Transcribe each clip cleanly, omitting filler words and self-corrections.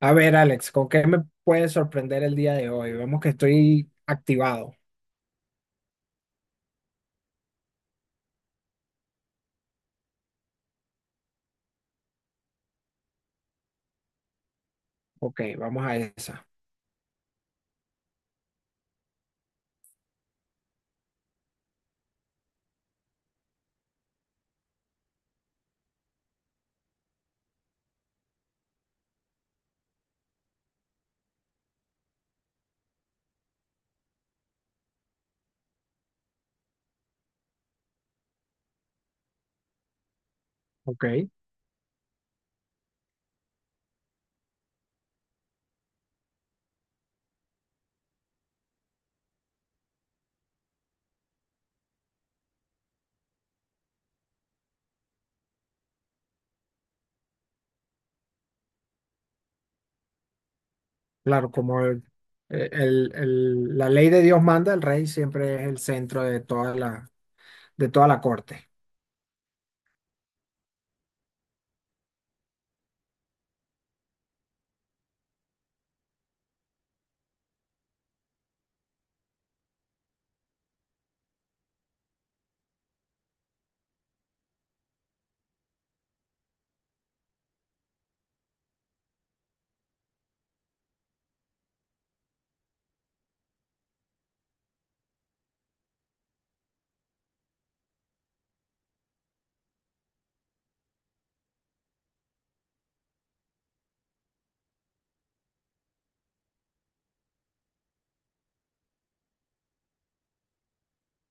A ver, Alex, ¿con qué me puedes sorprender el día de hoy? Vemos que estoy activado. Ok, vamos a esa. Ok, claro, como la ley de Dios manda, el rey siempre es el centro de toda la corte.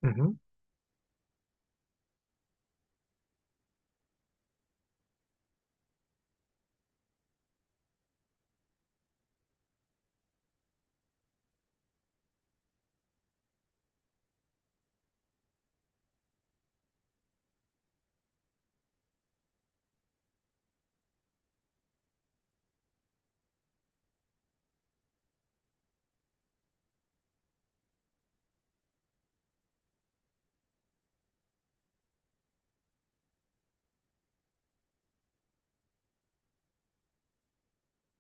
Ujú,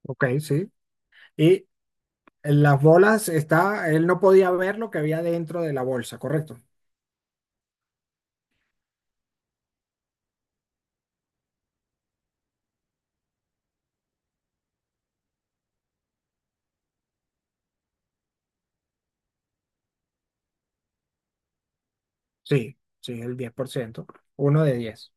Ok, sí. Y en las bolas está, él no podía ver lo que había dentro de la bolsa, ¿correcto? Sí, sí, el 10%, 1 de 10,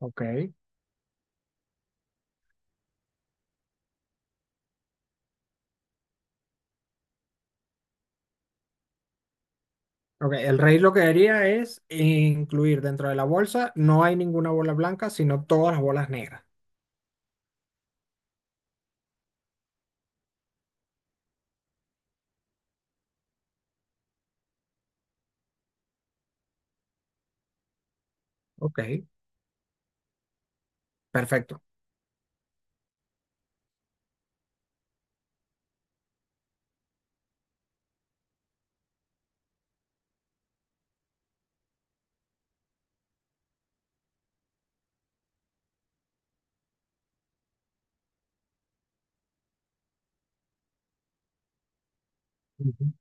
Ok. Ok, el rey lo que haría es incluir dentro de la bolsa, no hay ninguna bola blanca, sino todas las bolas negras. Ok, perfecto. Ujú.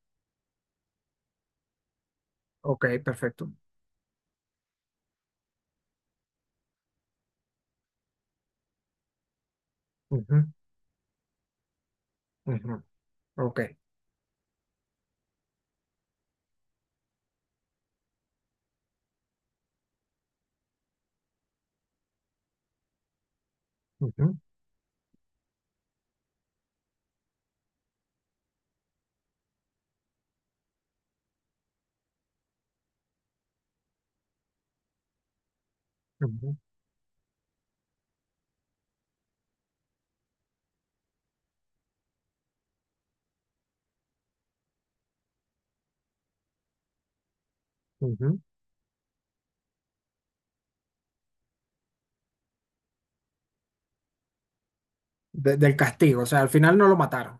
Ok, perfecto. Ujú, ujú, Ok. Ujú, ujú, ujú. Del castigo, o sea, al final no lo mataron.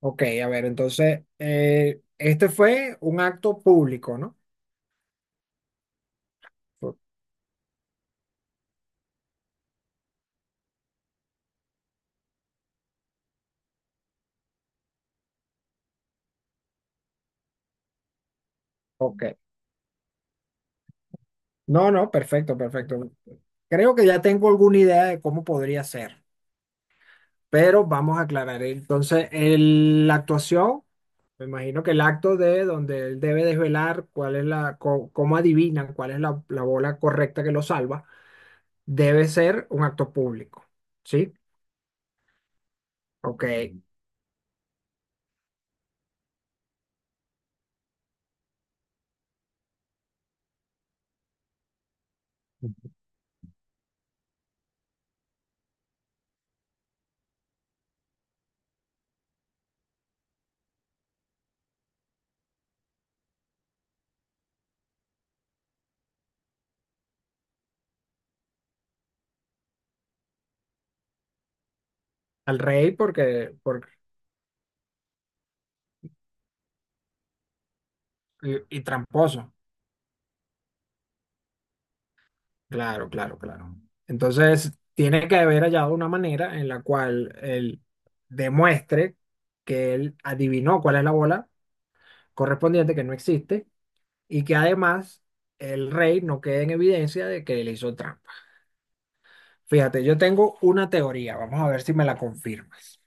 Ok, a ver, entonces, este fue un acto público, ¿no? O- Ok. No, no, perfecto, perfecto. Creo que ya tengo alguna idea de cómo podría ser, pero vamos a aclarar. Entonces, la actuación. Me imagino que el acto de donde él debe desvelar cuál es la, cómo adivinan cuál es la bola correcta que lo salva, debe ser un acto público. ¿Sí? Ok. Al rey porque, por y tramposo. Claro, claro, claro. Entonces, tiene que haber hallado una manera en la cual él demuestre que él adivinó cuál es la bola correspondiente que no existe y que además el rey no quede en evidencia de que él hizo trampa. Fíjate, yo tengo una teoría, vamos a ver si me la confirmas.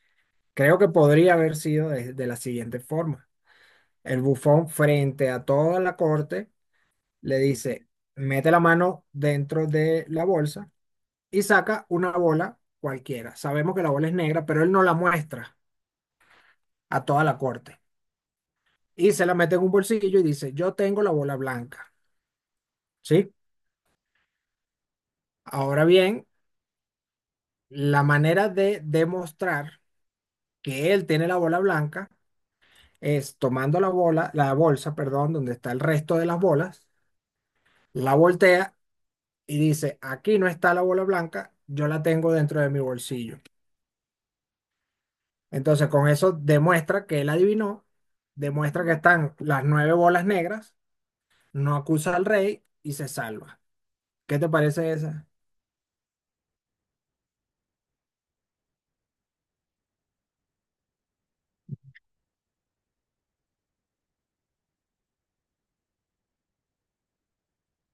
Creo que podría haber sido de la siguiente forma. El bufón frente a toda la corte le dice, mete la mano dentro de la bolsa y saca una bola cualquiera. Sabemos que la bola es negra, pero él no la muestra a toda la corte. Y se la mete en un bolsillo y dice, yo tengo la bola blanca. ¿Sí? Ahora bien, la manera de demostrar que él tiene la bola blanca es tomando la bola, la bolsa, perdón, donde está el resto de las bolas, la voltea y dice, aquí no está la bola blanca, yo la tengo dentro de mi bolsillo. Entonces, con eso demuestra que él adivinó, demuestra que están las nueve bolas negras, no acusa al rey y se salva. ¿Qué te parece esa?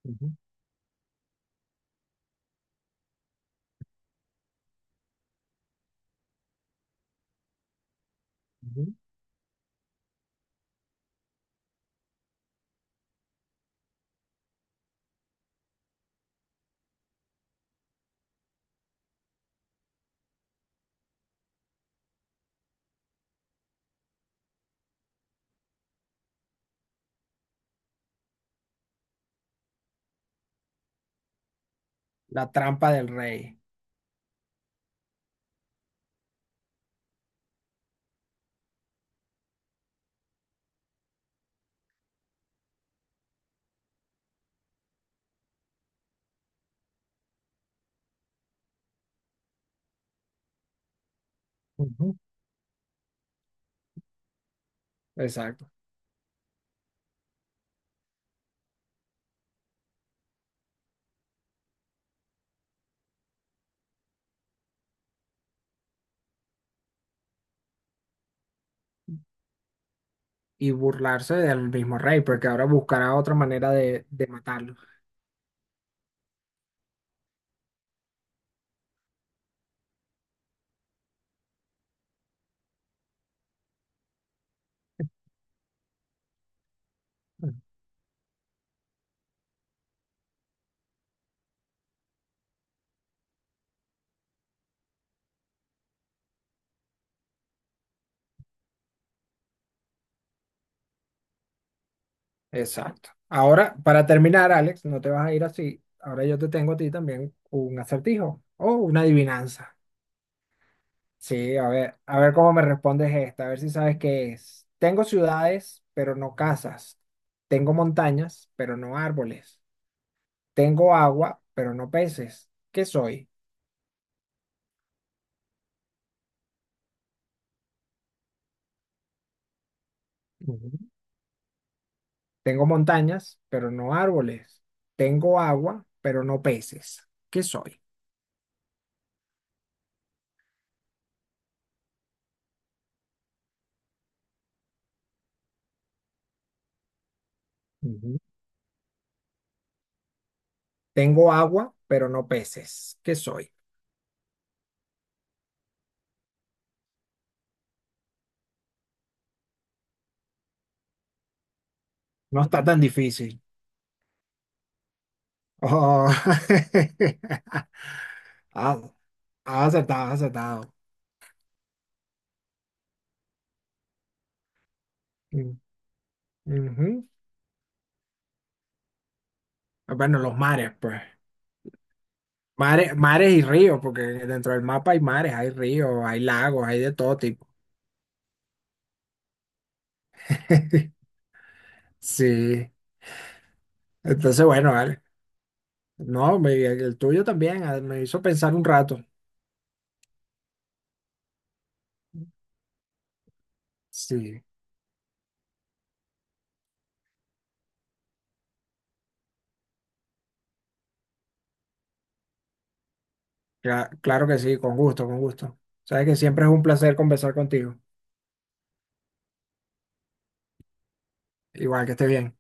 Ujú, ujú, La trampa del rey. Ujú. Exacto. Y burlarse del mismo rey, porque ahora buscará otra manera de matarlo. Exacto. Ahora, para terminar, Alex, no te vas a ir así. Ahora yo te tengo a ti también un acertijo o una adivinanza. Sí, a ver cómo me respondes esta, a ver si sabes qué es. Tengo ciudades, pero no casas. Tengo montañas, pero no árboles. Tengo agua, pero no peces. ¿Qué soy? Ujú. Tengo montañas, pero no árboles. Tengo agua, pero no peces. ¿Qué soy? Ujú. Tengo agua, pero no peces. ¿Qué soy? No está tan difícil. Oh. Has, has acertado, has acertado. Mm, ujú. Bueno, los mares, pues. Mares, mares y ríos, porque dentro del mapa hay mares, hay ríos, hay lagos, hay de todo tipo. Sí. Entonces, bueno, vale. No, el tuyo también ah, me hizo pensar un rato. Sí, claro que sí, con gusto, con gusto. Sabes que siempre es un placer conversar contigo. Igual que estés bien.